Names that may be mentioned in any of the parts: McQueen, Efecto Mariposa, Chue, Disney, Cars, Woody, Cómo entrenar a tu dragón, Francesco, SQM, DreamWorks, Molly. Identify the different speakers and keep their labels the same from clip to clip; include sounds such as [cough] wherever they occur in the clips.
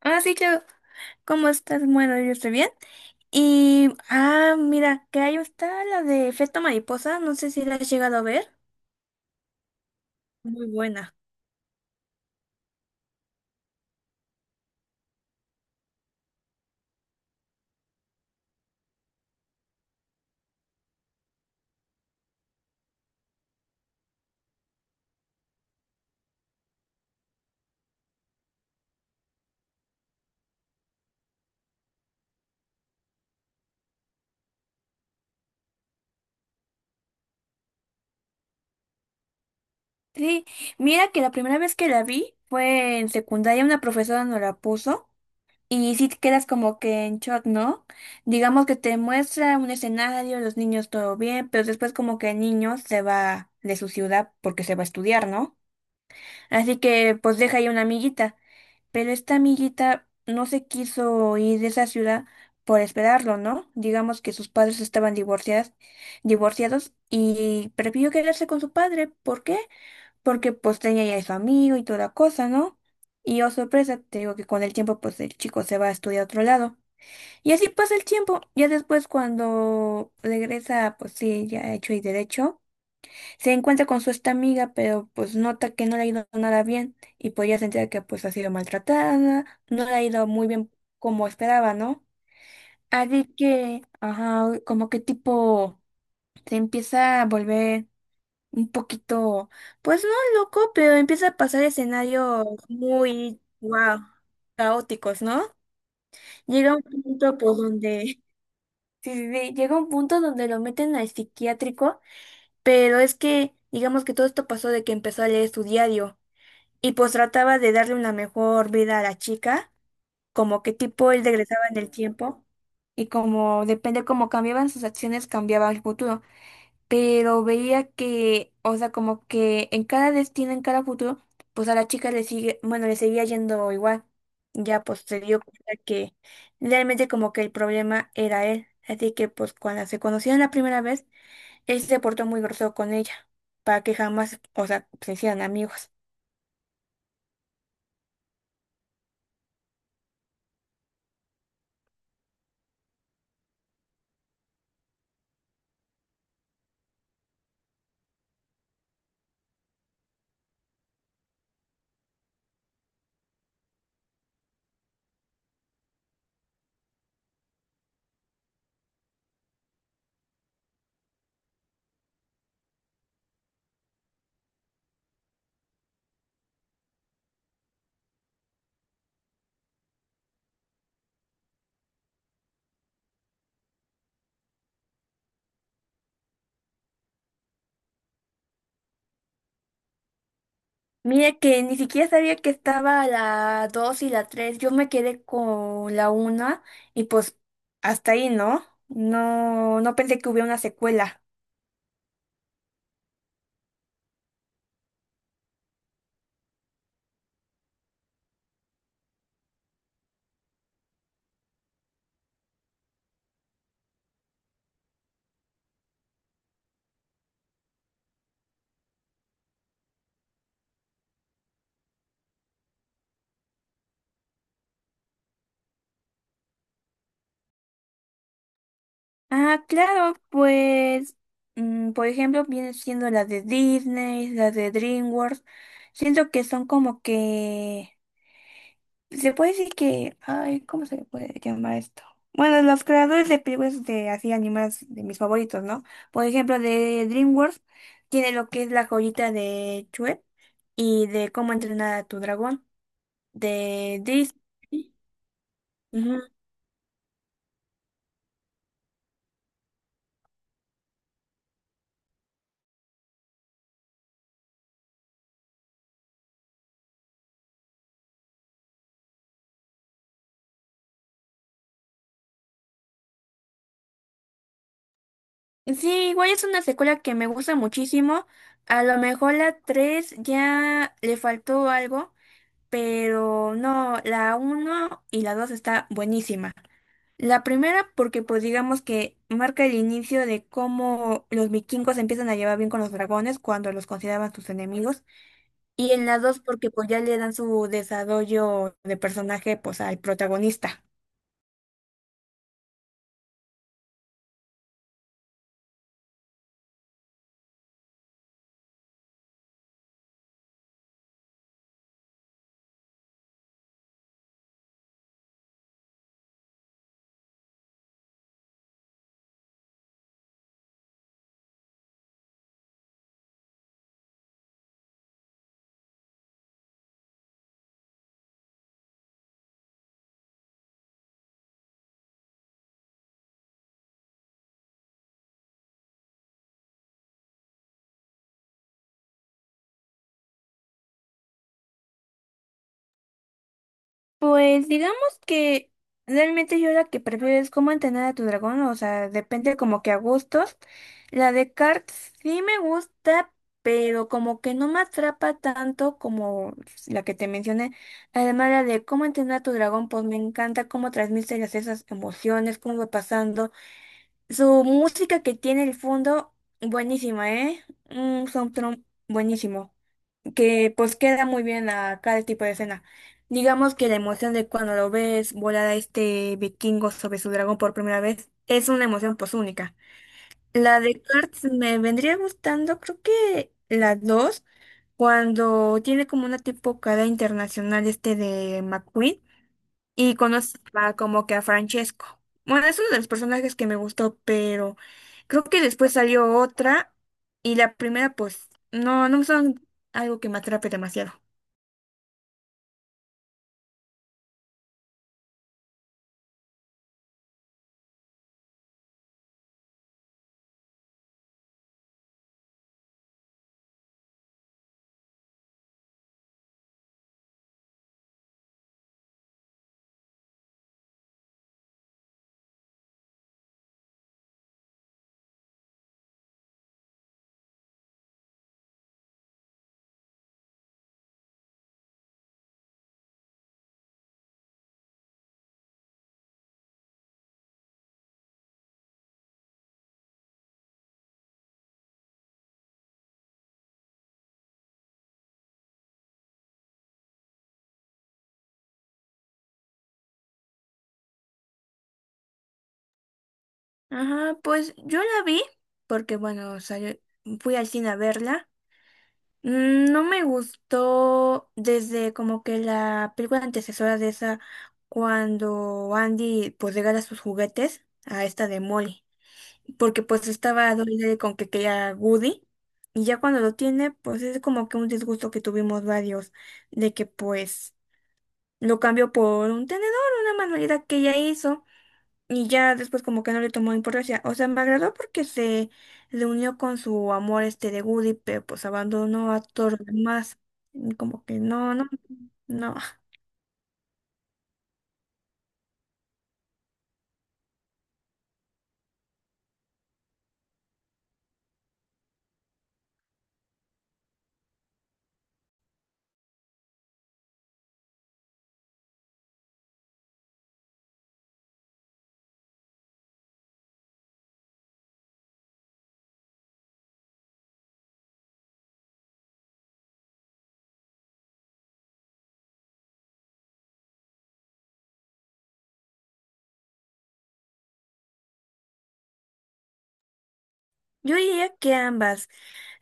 Speaker 1: Sí, claro. ¿Cómo estás? Bueno, yo estoy bien. Mira, que ahí está la de Efecto Mariposa. No sé si la has llegado a ver. Muy buena. Sí, mira que la primera vez que la vi fue en secundaria, una profesora nos la puso. Y sí te quedas como que en shock, ¿no? Digamos que te muestra un escenario, los niños todo bien, pero después como que el niño se va de su ciudad porque se va a estudiar, ¿no? Así que pues deja ahí una amiguita. Pero esta amiguita no se quiso ir de esa ciudad por esperarlo, ¿no? Digamos que sus padres estaban divorciados y prefirió quedarse con su padre. ¿Por qué? Porque pues tenía ya a su amigo y toda cosa, ¿no? Y oh sorpresa, te digo que con el tiempo pues el chico se va a estudiar a otro lado. Y así pasa el tiempo. Ya después cuando regresa, pues sí, ya hecho y derecho. Se encuentra con su esta amiga, pero pues nota que no le ha ido nada bien y pues ya se entera que pues ha sido maltratada, no le ha ido muy bien como esperaba, ¿no? Así que, ajá, como que tipo se empieza a volver un poquito, pues no loco, pero empieza a pasar escenarios muy, wow, caóticos, ¿no? Llega un punto pues donde, [laughs] sí, sí, sí, llega un punto donde lo meten al psiquiátrico, pero es que, digamos que todo esto pasó de que empezó a leer su diario. Y pues trataba de darle una mejor vida a la chica, como que tipo él regresaba en el tiempo y como depende cómo cambiaban sus acciones cambiaba el futuro, pero veía que, o sea, como que en cada destino, en cada futuro, pues a la chica le sigue, bueno, le seguía yendo igual. Ya pues se dio cuenta que realmente como que el problema era él, así que pues cuando se conocieron la primera vez, él se portó muy grosero con ella, para que jamás, o sea, se hicieran amigos. Mira que ni siquiera sabía que estaba la 2 y la 3. Yo me quedé con la una y pues hasta ahí, ¿no? No pensé que hubiera una secuela. Ah, claro, pues, mm, por ejemplo, viene siendo la de Disney, la de DreamWorks. Siento que son como que. Se puede decir que, ay, ¿cómo se le puede llamar esto? Bueno, los creadores de películas de así animadas de mis favoritos, ¿no? Por ejemplo, de DreamWorks tiene lo que es la joyita de Chue y de cómo entrenar a tu dragón de Disney. Ujú. Sí, igual es una secuela que me gusta muchísimo. A lo mejor la 3 ya le faltó algo, pero no, la uno y la 2 está buenísima. La primera porque pues digamos que marca el inicio de cómo los vikingos se empiezan a llevar bien con los dragones cuando los consideraban sus enemigos. Y en la dos porque pues ya le dan su desarrollo de personaje pues al protagonista. Pues digamos que realmente yo la que prefiero es cómo entrenar a tu dragón, o sea, depende como que a gustos. La de Cart sí me gusta, pero como que no me atrapa tanto como la que te mencioné. Además, la de cómo entrenar a tu dragón, pues me encanta cómo transmite las- esas emociones, cómo va pasando. Su música que tiene el fondo, buenísima, ¿eh? Un soundtrack buenísimo que pues queda muy bien a cada tipo de escena. Digamos que la emoción de cuando lo ves volar a este vikingo sobre su dragón por primera vez es una emoción pues única. La de Cars me vendría gustando, creo que las dos, cuando tiene como una tipo cara internacional este de McQueen y conoce a- como que a Francesco. Bueno, es uno de los personajes que me gustó, pero creo que después salió otra y la primera pues no son algo que me atrape demasiado. Ajá, pues yo la vi porque, bueno, salió- fui al cine a verla. Mm, no me gustó desde como que la película antecesora de esa, cuando Andy pues regala sus juguetes a esta de Molly, porque pues estaba dolida con que quería Woody. Y ya cuando lo tiene, pues es como que un disgusto que tuvimos varios, de que pues lo cambió por un tenedor, una manualidad que ella hizo. Y ya después como que no le tomó importancia. O sea, me agradó porque se le unió con su amor este de Woody, pero pues abandonó a todos los demás. Y como que no, no, no. Yo diría que ambas.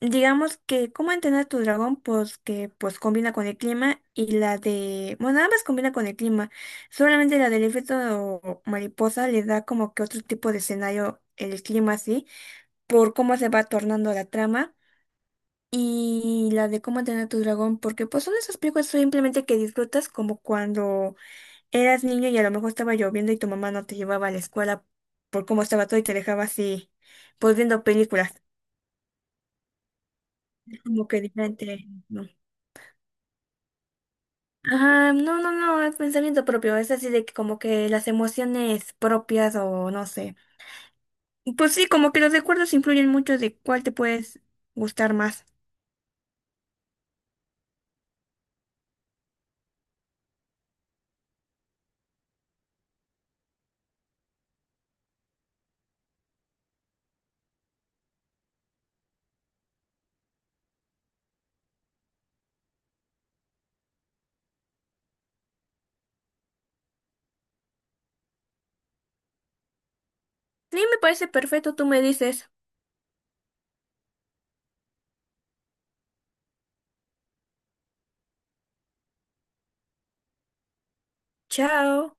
Speaker 1: Digamos que cómo entrenar a tu dragón, pues que pues combina con el clima y la de... Bueno, ambas combina con el clima. Solamente la del efecto mariposa le da como que otro tipo de escenario el clima así, por cómo se va tornando la trama. Y la de cómo entrenar a tu dragón, porque pues son esas películas simplemente que disfrutas como cuando eras niño y a lo mejor estaba lloviendo y tu mamá no te llevaba a la escuela por cómo estaba todo y te dejaba así, pues viendo películas. Es como que diferente, ¿no? Ajá, no, no, no, es pensamiento propio, es así de que como que las emociones propias o no sé. Pues sí, como que los recuerdos influyen mucho de cuál te puedes gustar más. Sí, me parece perfecto, tú me dices, chao.